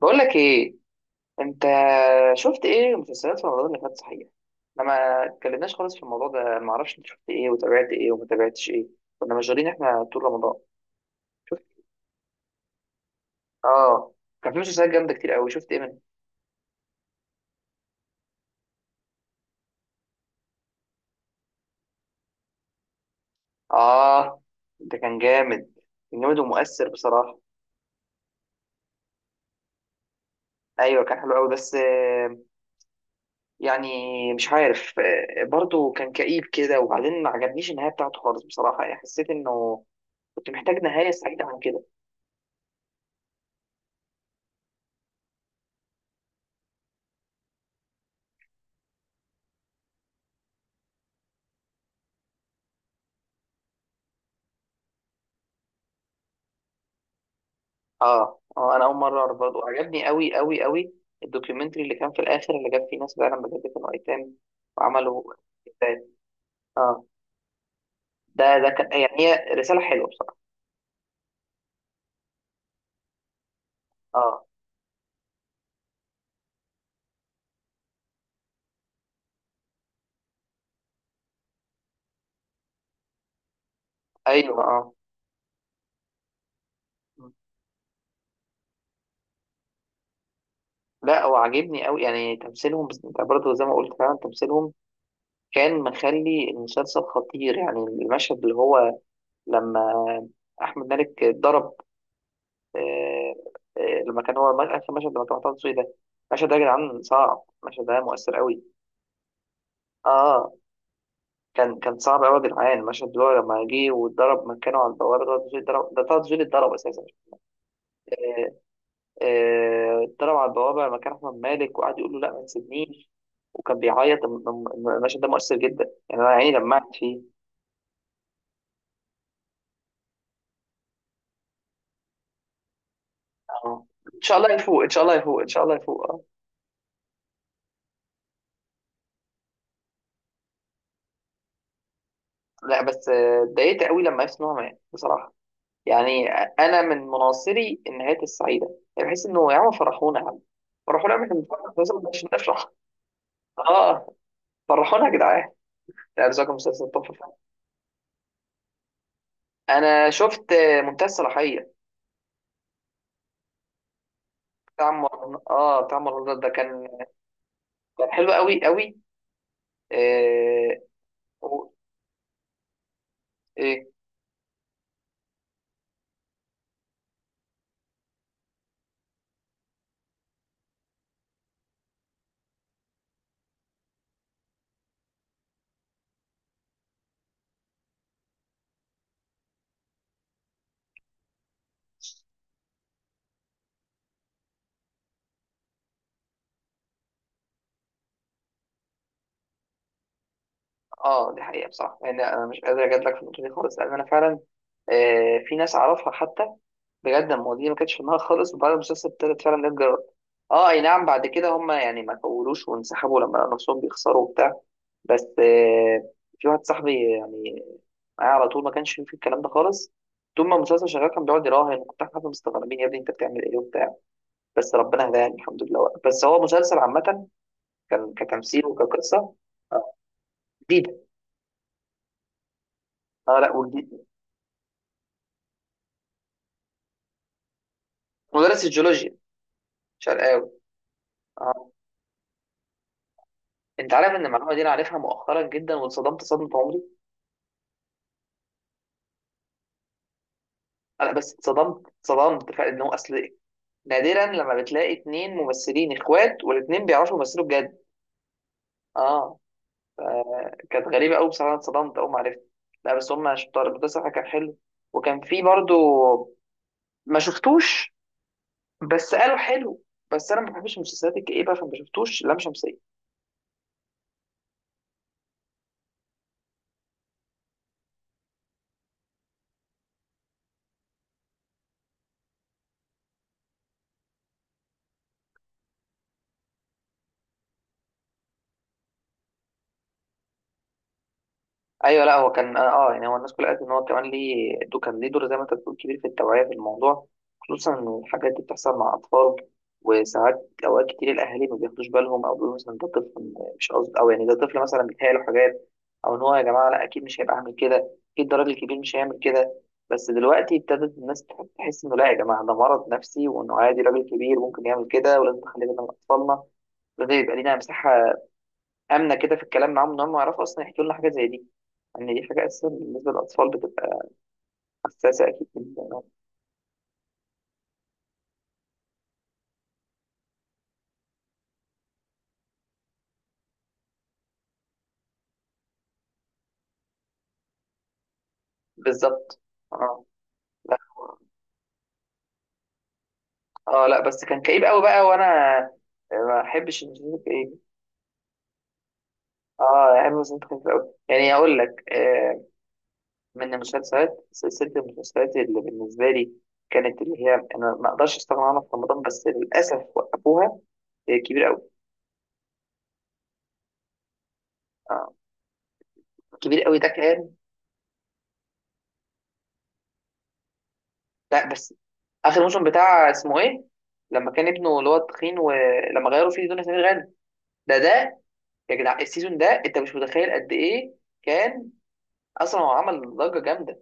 بقول لك ايه، انت شفت ايه مسلسلات في رمضان اللي فات صحيح؟ احنا ما اتكلمناش خالص في الموضوع ده، ما اعرفش انت شفت ايه وتابعت ايه وما تابعتش ايه. كنا مشغولين احنا طول رمضان. شفت، اه. كان في مسلسلات جامده كتير قوي، شفت ايه منها؟ اه، ده كان جامد، كان جامد ومؤثر بصراحه. ايوه، كان حلو قوي بس، يعني مش عارف، برضه كان كئيب كده، وبعدين ما عجبنيش النهايه بتاعته خالص بصراحه. يعني حسيت انه كنت محتاج نهايه سعيده عن كده. اه اه، انا اول مره اعرف، برضه عجبني قوي قوي قوي. الدوكيومنتري اللي كان في الاخر اللي جاب فيه ناس فعلا بجد كانوا ايتام وعملوا كتاب. اه، ده كان، يعني هي رساله حلوه بصراحه. اه، ايوه، اه. لا، وعجبني قوي يعني تمثيلهم، بس انت برضه زي ما قلت فعلا تمثيلهم كان مخلي المسلسل خطير. يعني المشهد اللي هو لما احمد مالك اتضرب، آه. آه، لما كان هو اخر مشهد، لما كان محطوط ده، المشهد ده يا جدعان صعب، المشهد ده مؤثر قوي. اه، كان صعب قوي يا جدعان. المشهد اللي هو لما جه واتضرب مكانه على البوابه، ده تزويل اتضرب، ده طه دسوقي اتضرب اساسا. آه، اتضرب على البوابه مكان احمد مالك وقعد يقول له لا ما تسيبنيش. وكان بيعيط المشهد ده مؤثر جدا، يعني انا عيني دمعت فيه. اه، ان شاء الله يفوق، ان شاء الله يفوق، ان شاء الله يفوق، اه. لا، بس اتضايقت قوي لما عرفت ان هو مات بصراحه. يعني انا من مناصري النهايات السعيده. يعني بحس انه يا عم فرحونا، يا عم فرحونا، إحنا بنتفرج على مسلسل مش نفرح. اه، فرحونا يا جدعان. لا، ده كان مسلسل تحفه فعلا. انا شفت منتهى الصلاحيه. بتاع مر... اه بتاع مرات ده كان حلو قوي قوي آه... و... ايه؟ اه، دي حقيقه بصراحه، يعني انا مش قادر اجادلك في النقطه دي خالص، لان انا فعلا، في ناس اعرفها حتى بجد المواضيع دي ما كانتش في دماغها خالص، وبعد المسلسل ابتدت فعلا ده تجرب. اه، اي نعم، بعد كده هم يعني ما طولوش وانسحبوا لما لقوا نفسهم بيخسروا وبتاع. بس، في واحد صاحبي يعني معايا على طول ما كانش في الكلام ده خالص. طول ما المسلسل شغال كان بيقعد يراهن، احنا كنا مستغربين يا ابني انت بتعمل ايه وبتاع. بس ربنا هداني الحمد لله. بس هو مسلسل عامة كان كتمثيل وكقصة آه، جديدة. اه، لا، وجديد. مدرس الجيولوجيا شرقاوي. اه، انت عارف ان المعلومة دي انا عارفها مؤخرا جدا، واتصدمت صدمة عمري. انا بس اتصدمت فعلا ان هو اصل نادرا لما بتلاقي اتنين ممثلين اخوات والاتنين بيعرفوا يمثلوا بجد. اه، كانت غريبه قوي بصراحه، أنا اتصدمت اول ما عرفت. لا بس هم شطار، ده صراحه كان حلو. وكان في برضو ما شفتوش، بس قالوا حلو. بس انا ما بحبش المسلسلات الكئيبه، فما شفتوش لام شمسيه. ايوه، لا، هو كان يعني هو الناس كلها قالت ان هو كمان ليه دو كان ليه دور زي ما انت بتقول كبير في التوعيه في الموضوع. خصوصا ان الحاجات دي بتحصل مع اطفال، وساعات اوقات كتير الاهالي ما بياخدوش بالهم، او بيقولوا مثلا ده طفل مش قصد، او يعني ده طفل مثلا بيتهيأ له حاجات، او ان هو يا جماعه لا اكيد مش هيبقى عامل كده، اكيد ده راجل كبير مش هيعمل كده. بس دلوقتي ابتدت الناس تحس انه لا يا جماعه، ده مرض نفسي، وانه عادي راجل كبير ممكن يعمل كده، ولازم نخلي بالنا من اطفالنا، ولازم يبقى لينا مساحه امنه كده في الكلام معاهم ان هم يعرفوا اصلا يحكوا لنا حاجه زي دي. ان دي حاجه اساسا بالنسبه للاطفال بتبقى حساسه اكيد جدا. بالظبط، اه. لا، اه. لا بس كان كئيب قوي بقى، وانا ما احبش المسلسلات الكئيبه. اه، يعني المسلسلات كانت قوي، يعني اقول لك، من المسلسلات سلسله المسلسلات اللي بالنسبه لي كانت اللي هي انا ما اقدرش استغنى عنها في رمضان، بس للاسف وقفوها، كبير قوي. اه، كبير قوي ده كان. لا بس اخر موسم بتاع اسمه ايه لما كان ابنه اللي هو التخين ولما غيروا فيه دنيا سمير غانم، ده يا جدع السيزون ده انت مش متخيل قد ايه كان. اصلا هو عمل ضجه جامده،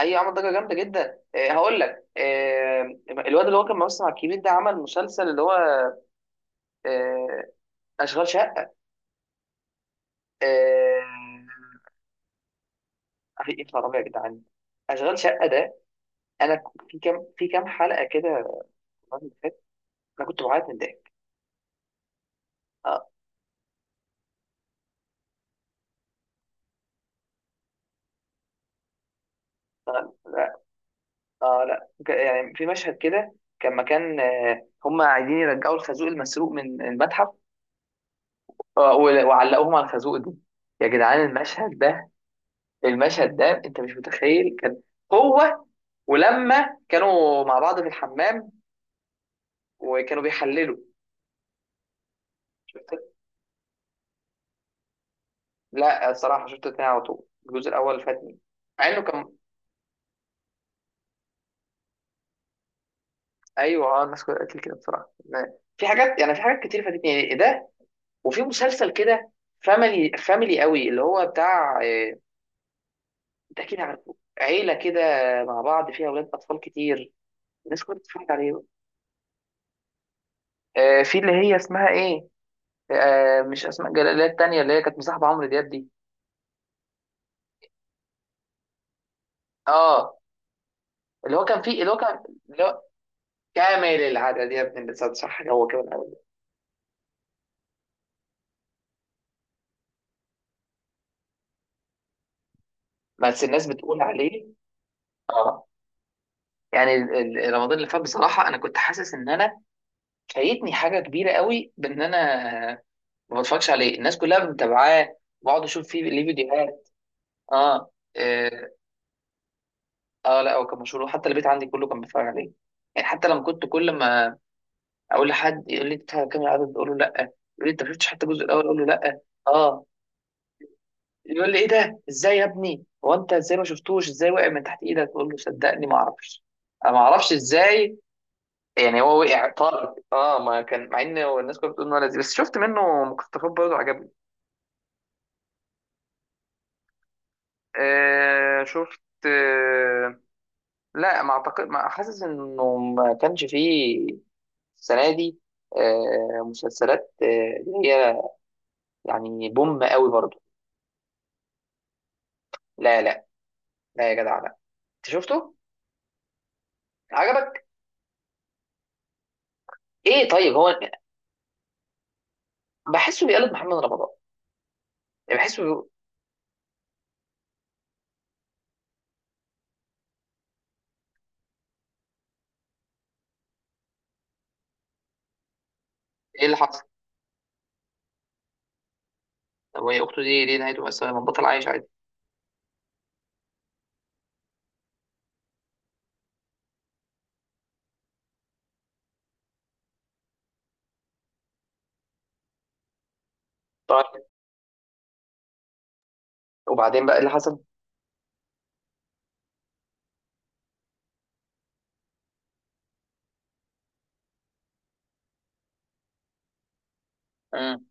اي عمل ضجه جامده جدا. إيه، هقول لك إيه. الواد اللي هو كان ممثل مع الكبير ده عمل مسلسل اللي هو إيه، اشغال شقه. إيه، اخي ايه الرابع يا جدعان، اشغال شقه ده انا في كام حلقه كده، الواد اللي فات، انا كنت بعيط من الضحك. آه. اه، لا، يعني في مشهد كده كان مكان، هم عايزين يرجعوا الخازوق المسروق من المتحف، وعلقوهم على الخازوق ده، يا جدعان المشهد ده، المشهد ده انت مش متخيل. كان هو ولما كانوا مع بعض في الحمام وكانوا بيحللوا. شفت لا، الصراحه شفت اتنين على طول، الجزء الاول فاتني مع انه كان. ايوه، اه، الناس كلها قالت لي كده بصراحه. في حاجات، يعني في حاجات كتير فاتتني، يعني إيه ده. وفي مسلسل كده فاميلي فاميلي قوي اللي هو بتاع، ده اكيد عارفه. عيله كده مع بعض فيها اولاد اطفال كتير، الناس كلها بتتفرج عليه بقى. في اللي هي اسمها ايه، مش اسماء جلال اللي هي التانيه اللي هي كانت مصاحبه عمرو دياب دي. اه، اللي هو كان فيه اللي هو كان اللي هو كامل العدد يا ابن الانسان، صح هو كده الأول. بس الناس بتقول عليه. اه يعني رمضان اللي فات بصراحه انا كنت حاسس ان انا فايتني حاجه كبيره قوي بان انا ما بتفرجش عليه، الناس كلها متابعاه، بقعد اشوف فيه ليه فيديوهات. اه. اه لا، هو كان مشهور، وحتى البيت عندي كله كان بيتفرج عليه. يعني حتى لما كنت كل ما اقول لحد يقول لي انت بتتفرج على كام العدد اقول له لا، يقول لي انت ما شفتش حتى الجزء الاول اقول له لا. اه، يقول لي ايه ده، ازاي يا ابني هو انت ازاي ما شفتوش، ازاي وقع من تحت ايدك، اقول له صدقني ما اعرفش، انا ما اعرفش ازاي. يعني هو وقع طارق اه، ما كان مع ان هو الناس كانت بتقول انه لذيذ، بس شفت منه مقتطفات برضه عجبني. شفت آه، لا ما اعتقد، ما حاسس انه ما كانش فيه السنه دي، مسلسلات، اللي هي يعني بوم قوي برضو. لا لا لا يا جدع لا. انت شفته، عجبك؟ ايه طيب، هو بحسه بيقلد محمد رمضان، يعني بحسه بيقول. ايه اللي حصل؟ هو هي اخته دي ليه نهايته مأساوية، ما بطل عايش عادي؟ طيب، وبعدين بقى إيه اللي حصل؟ امم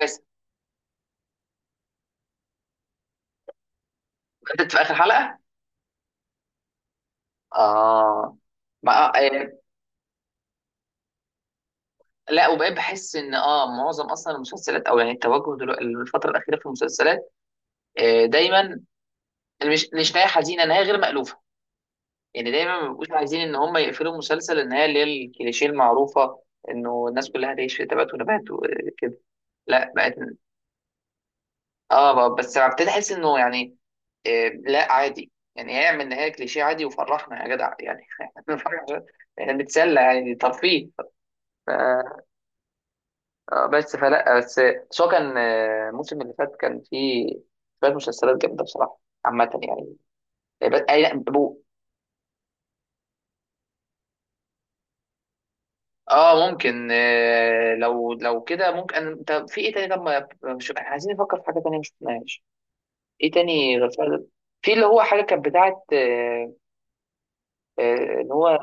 بس بدأت في اخر حلقه. اه، ما آه. آه، لا وبقيت بحس ان معظم اصلا المسلسلات او يعني التوجه دلوقتي الفتره الاخيره في المسلسلات، دايما مش نهايه حزينه، نهايه غير مألوفه. يعني دايما ما بيبقوش عايزين ان هم يقفلوا المسلسل النهايه اللي هي الكليشيه المعروفه انه الناس كلها هتعيش في تبات ونبات وكده. لا بقت، اه بقى بس ابتدي احس انه يعني، لا عادي، يعني يعمل نهايه كليشيه عادي، وفرحنا يا جدع يعني احنا بنتسلى يعني ترفيه. ف- بس فلا بس. بس هو كان، الموسم اللي فات كان فيه شويه مسلسلات جامده بصراحه عامه يعني بس. اه، ممكن، لو كده ممكن، طب في ايه تاني؟ طب ما مش عايزين نفكر في حاجه تانيه مش شفناهاش؟ ايه تاني غير فعلا في اللي هو حاجه كانت بتاعه، اللي هو.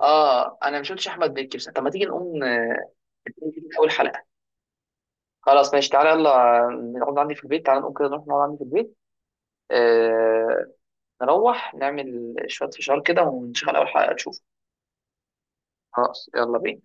اه، انا مش قلتش احمد مكي، بس طب ما تيجي نقوم، من اول حلقه. خلاص ماشي، تعالى يلا نقعد عندي في البيت، تعالى نقوم كده نروح نقعد عندي في البيت آه نروح نعمل شويه فشار كده ونشغل اول حلقه تشوف. خلاص يلا بينا.